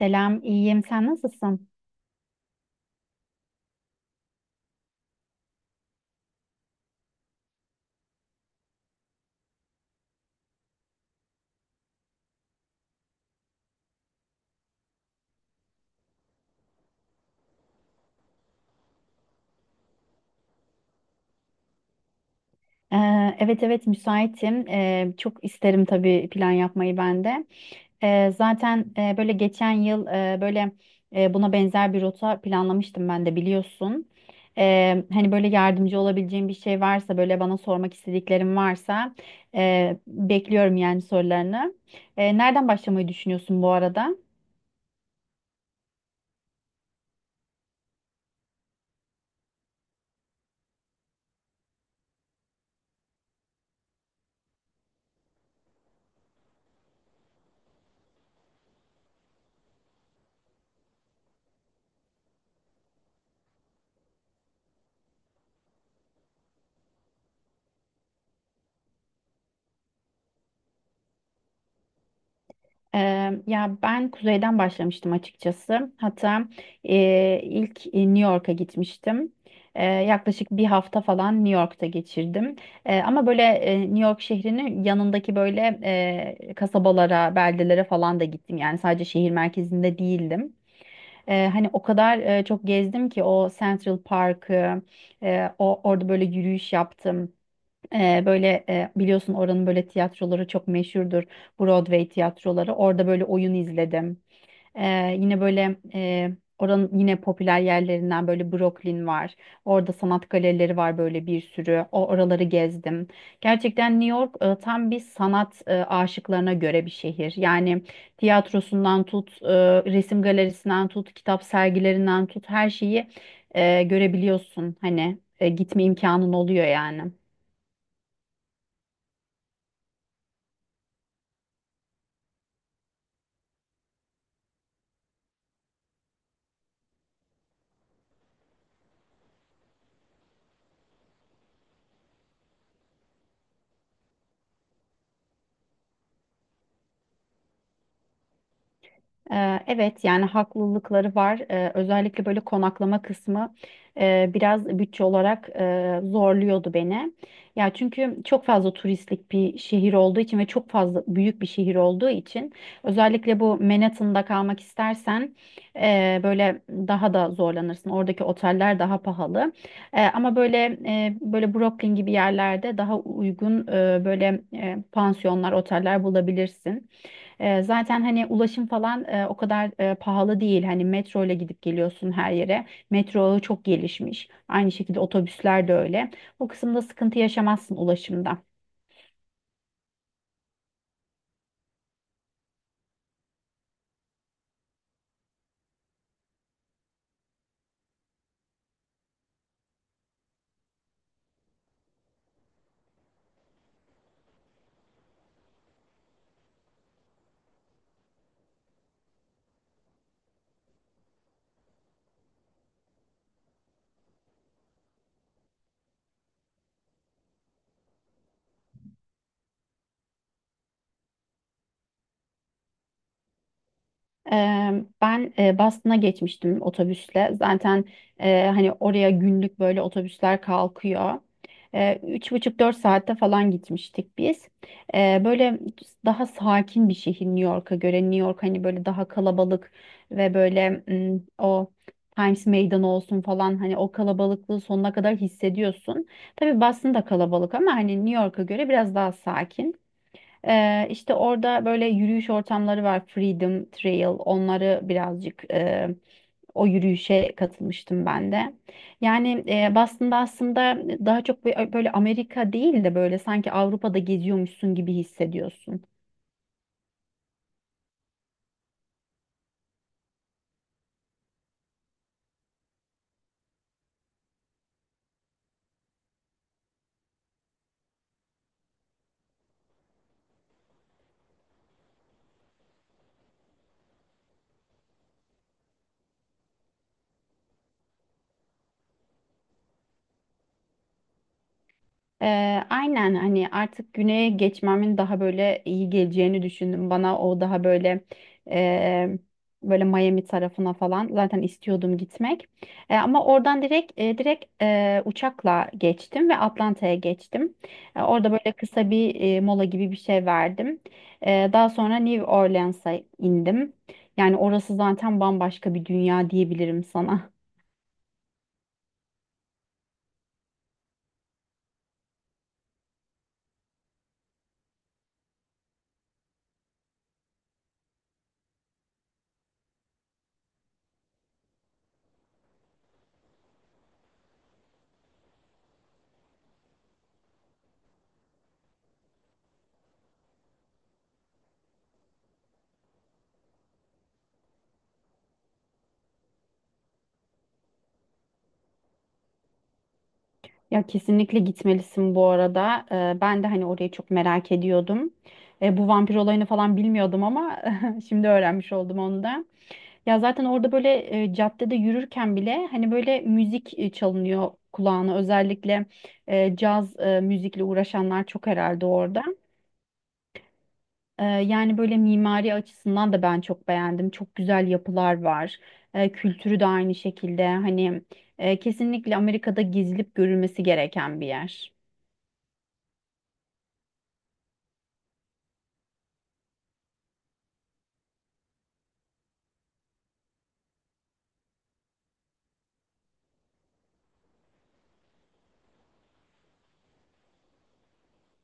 Selam, iyiyim. Sen nasılsın? Evet, müsaitim. Çok isterim tabii plan yapmayı ben de. Zaten böyle geçen yıl böyle buna benzer bir rota planlamıştım ben de biliyorsun. Hani böyle yardımcı olabileceğim bir şey varsa böyle bana sormak istediklerim varsa bekliyorum yani sorularını. Nereden başlamayı düşünüyorsun bu arada? Ya ben kuzeyden başlamıştım açıkçası. Hatta ilk New York'a gitmiştim. Yaklaşık bir hafta falan New York'ta geçirdim. Ama böyle New York şehrinin yanındaki böyle kasabalara, beldelere falan da gittim. Yani sadece şehir merkezinde değildim. Hani o kadar çok gezdim ki o Central Park'ı, o orada böyle yürüyüş yaptım. Böyle biliyorsun oranın böyle tiyatroları çok meşhurdur. Broadway tiyatroları. Orada böyle oyun izledim. Yine böyle oranın yine popüler yerlerinden böyle Brooklyn var. Orada sanat galerileri var böyle bir sürü. O oraları gezdim. Gerçekten New York tam bir sanat aşıklarına göre bir şehir. Yani tiyatrosundan tut, resim galerisinden tut, kitap sergilerinden tut her şeyi görebiliyorsun. Hani gitme imkanın oluyor yani. Evet yani haklılıkları var. Özellikle böyle konaklama kısmı biraz bütçe olarak zorluyordu beni. Ya çünkü çok fazla turistlik bir şehir olduğu için ve çok fazla büyük bir şehir olduğu için özellikle bu Manhattan'da kalmak istersen böyle daha da zorlanırsın. Oradaki oteller daha pahalı. Ama böyle böyle Brooklyn gibi yerlerde daha uygun böyle pansiyonlar, oteller bulabilirsin. Zaten hani ulaşım falan o kadar pahalı değil. Hani metro ile gidip geliyorsun her yere. Metro ağı çok gelişmiş. Aynı şekilde otobüsler de öyle. O kısımda sıkıntı yaşamazsın ulaşımda. Ben Boston'a geçmiştim otobüsle. Zaten hani oraya günlük böyle otobüsler kalkıyor. Üç buçuk dört saatte falan gitmiştik biz. Böyle daha sakin bir şehir New York'a göre. New York hani böyle daha kalabalık ve böyle o Times Meydanı olsun falan hani o kalabalıklığı sonuna kadar hissediyorsun. Tabii Boston da kalabalık ama hani New York'a göre biraz daha sakin. İşte orada böyle yürüyüş ortamları var. Freedom Trail. Onları birazcık o yürüyüşe katılmıştım ben de. Yani Boston'da aslında daha çok böyle Amerika değil de böyle sanki Avrupa'da geziyormuşsun gibi hissediyorsun. Ee, aynen hani artık güneye geçmemin daha böyle iyi geleceğini düşündüm. Bana o daha böyle e, böyle Miami tarafına falan zaten istiyordum gitmek. Ama oradan direkt uçakla geçtim ve Atlanta'ya geçtim. Orada böyle kısa bir mola gibi bir şey verdim. Daha sonra New Orleans'a indim. Yani orası zaten bambaşka bir dünya diyebilirim sana. Ya kesinlikle gitmelisin bu arada. Ben de hani orayı çok merak ediyordum. Bu vampir olayını falan bilmiyordum ama şimdi öğrenmiş oldum onu da. Ya zaten orada böyle caddede yürürken bile hani böyle müzik çalınıyor kulağına. Özellikle caz müzikle uğraşanlar çok herhalde orada. Yani böyle mimari açısından da ben çok beğendim. Çok güzel yapılar var. Kültürü de aynı şekilde. Hani kesinlikle Amerika'da gezilip görülmesi gereken bir yer.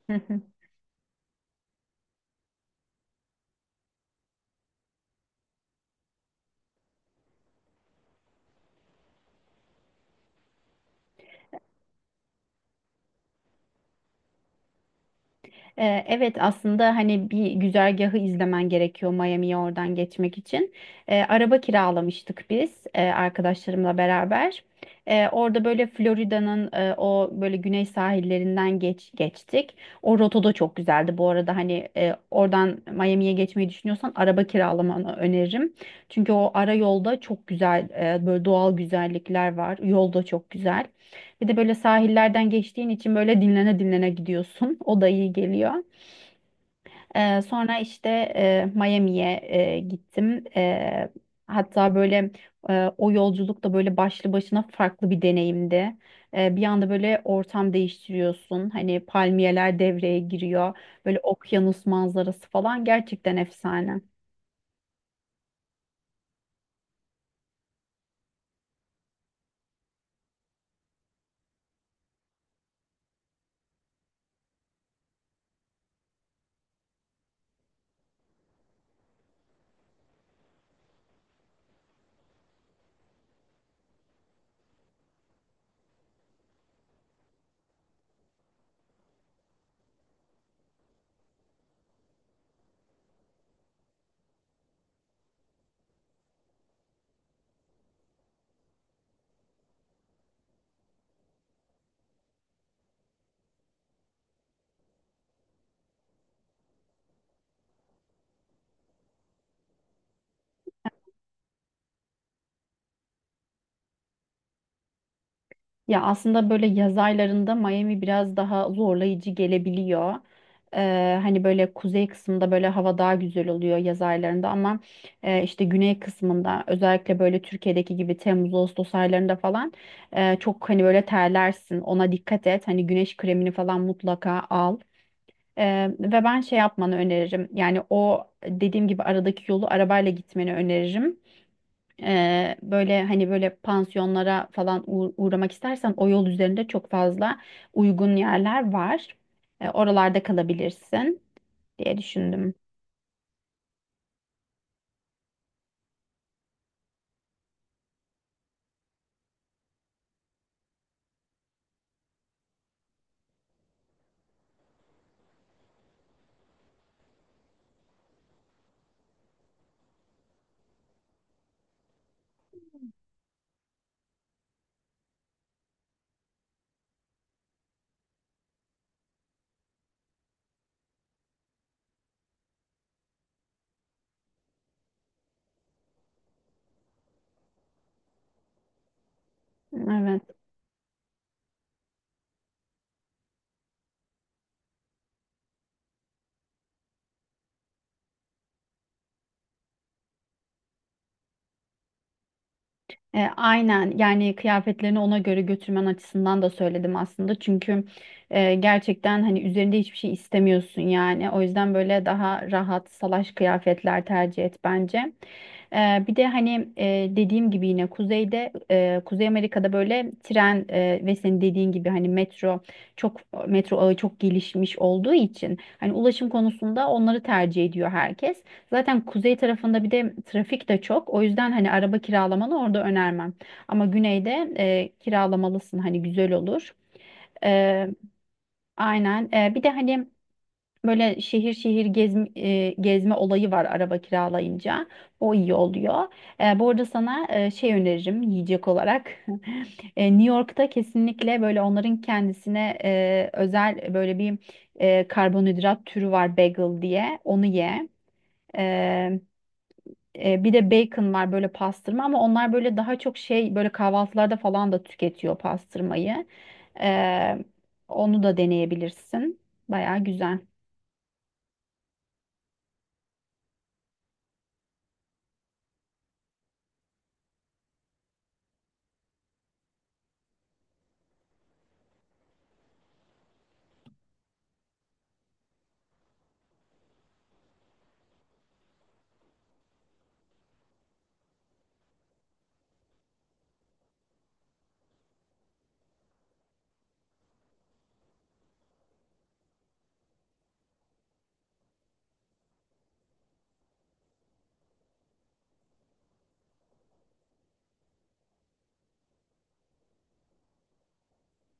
Evet aslında hani bir güzergahı izlemen gerekiyor Miami'ye oradan geçmek için. Araba kiralamıştık biz arkadaşlarımla beraber. Orada böyle Florida'nın o böyle güney sahillerinden geçtik. O rota da çok güzeldi. Bu arada hani oradan Miami'ye geçmeyi düşünüyorsan araba kiralamanı öneririm. Çünkü o ara yolda çok güzel böyle doğal güzellikler var. Yol da çok güzel. Bir de böyle sahillerden geçtiğin için böyle dinlene dinlene gidiyorsun. O da iyi geliyor. Sonra işte Miami'ye gittim. Hatta böyle o yolculuk da böyle başlı başına farklı bir deneyimdi. Bir anda böyle ortam değiştiriyorsun. Hani palmiyeler devreye giriyor. Böyle okyanus manzarası falan gerçekten efsane. Ya aslında böyle yaz aylarında Miami biraz daha zorlayıcı gelebiliyor. Hani böyle kuzey kısmında böyle hava daha güzel oluyor yaz aylarında ama işte güney kısmında özellikle böyle Türkiye'deki gibi Temmuz Ağustos aylarında falan çok hani böyle terlersin. Ona dikkat et. Hani güneş kremini falan mutlaka al. Ve ben şey yapmanı öneririm. Yani o dediğim gibi aradaki yolu arabayla gitmeni öneririm. Böyle hani böyle pansiyonlara falan uğramak istersen o yol üzerinde çok fazla uygun yerler var. Oralarda kalabilirsin diye düşündüm. Evet. Aynen yani kıyafetlerini ona göre götürmen açısından da söyledim aslında. Çünkü gerçekten hani üzerinde hiçbir şey istemiyorsun yani. O yüzden böyle daha rahat salaş kıyafetler tercih et bence. Bir de hani dediğim gibi yine kuzeyde Kuzey Amerika'da böyle tren ve senin dediğin gibi hani çok metro ağı çok gelişmiş olduğu için hani ulaşım konusunda onları tercih ediyor herkes. Zaten kuzey tarafında bir de trafik de çok. O yüzden hani araba kiralamanı orada önermem. Ama güneyde kiralamalısın hani güzel olur. E, aynen. Bir de hani böyle şehir şehir gezme olayı var araba kiralayınca. O iyi oluyor. Bu arada sana şey öneririm yiyecek olarak. New York'ta kesinlikle böyle onların kendisine özel böyle bir karbonhidrat türü var bagel diye. Onu ye. E, Bir de bacon var böyle pastırma ama onlar böyle daha çok şey böyle kahvaltılarda falan da tüketiyor pastırmayı. E, Onu da deneyebilirsin. Baya güzel.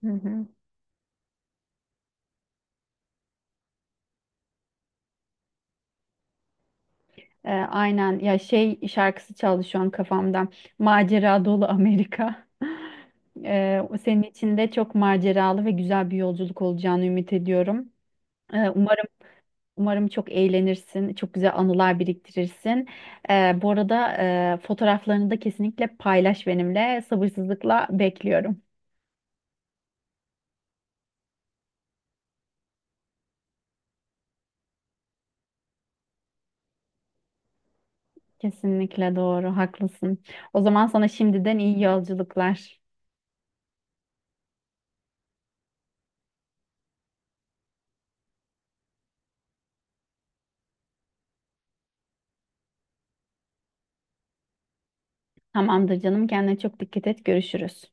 Hı hı. Aynen ya şey şarkısı çaldı şu an kafamda. Macera dolu Amerika. Senin için de çok maceralı ve güzel bir yolculuk olacağını ümit ediyorum. E, umarım Umarım çok eğlenirsin, çok güzel anılar biriktirirsin. Bu arada fotoğraflarını da kesinlikle paylaş benimle. Sabırsızlıkla bekliyorum. Kesinlikle doğru, haklısın. O zaman sana şimdiden iyi yolculuklar. Tamamdır canım, kendine çok dikkat et. Görüşürüz.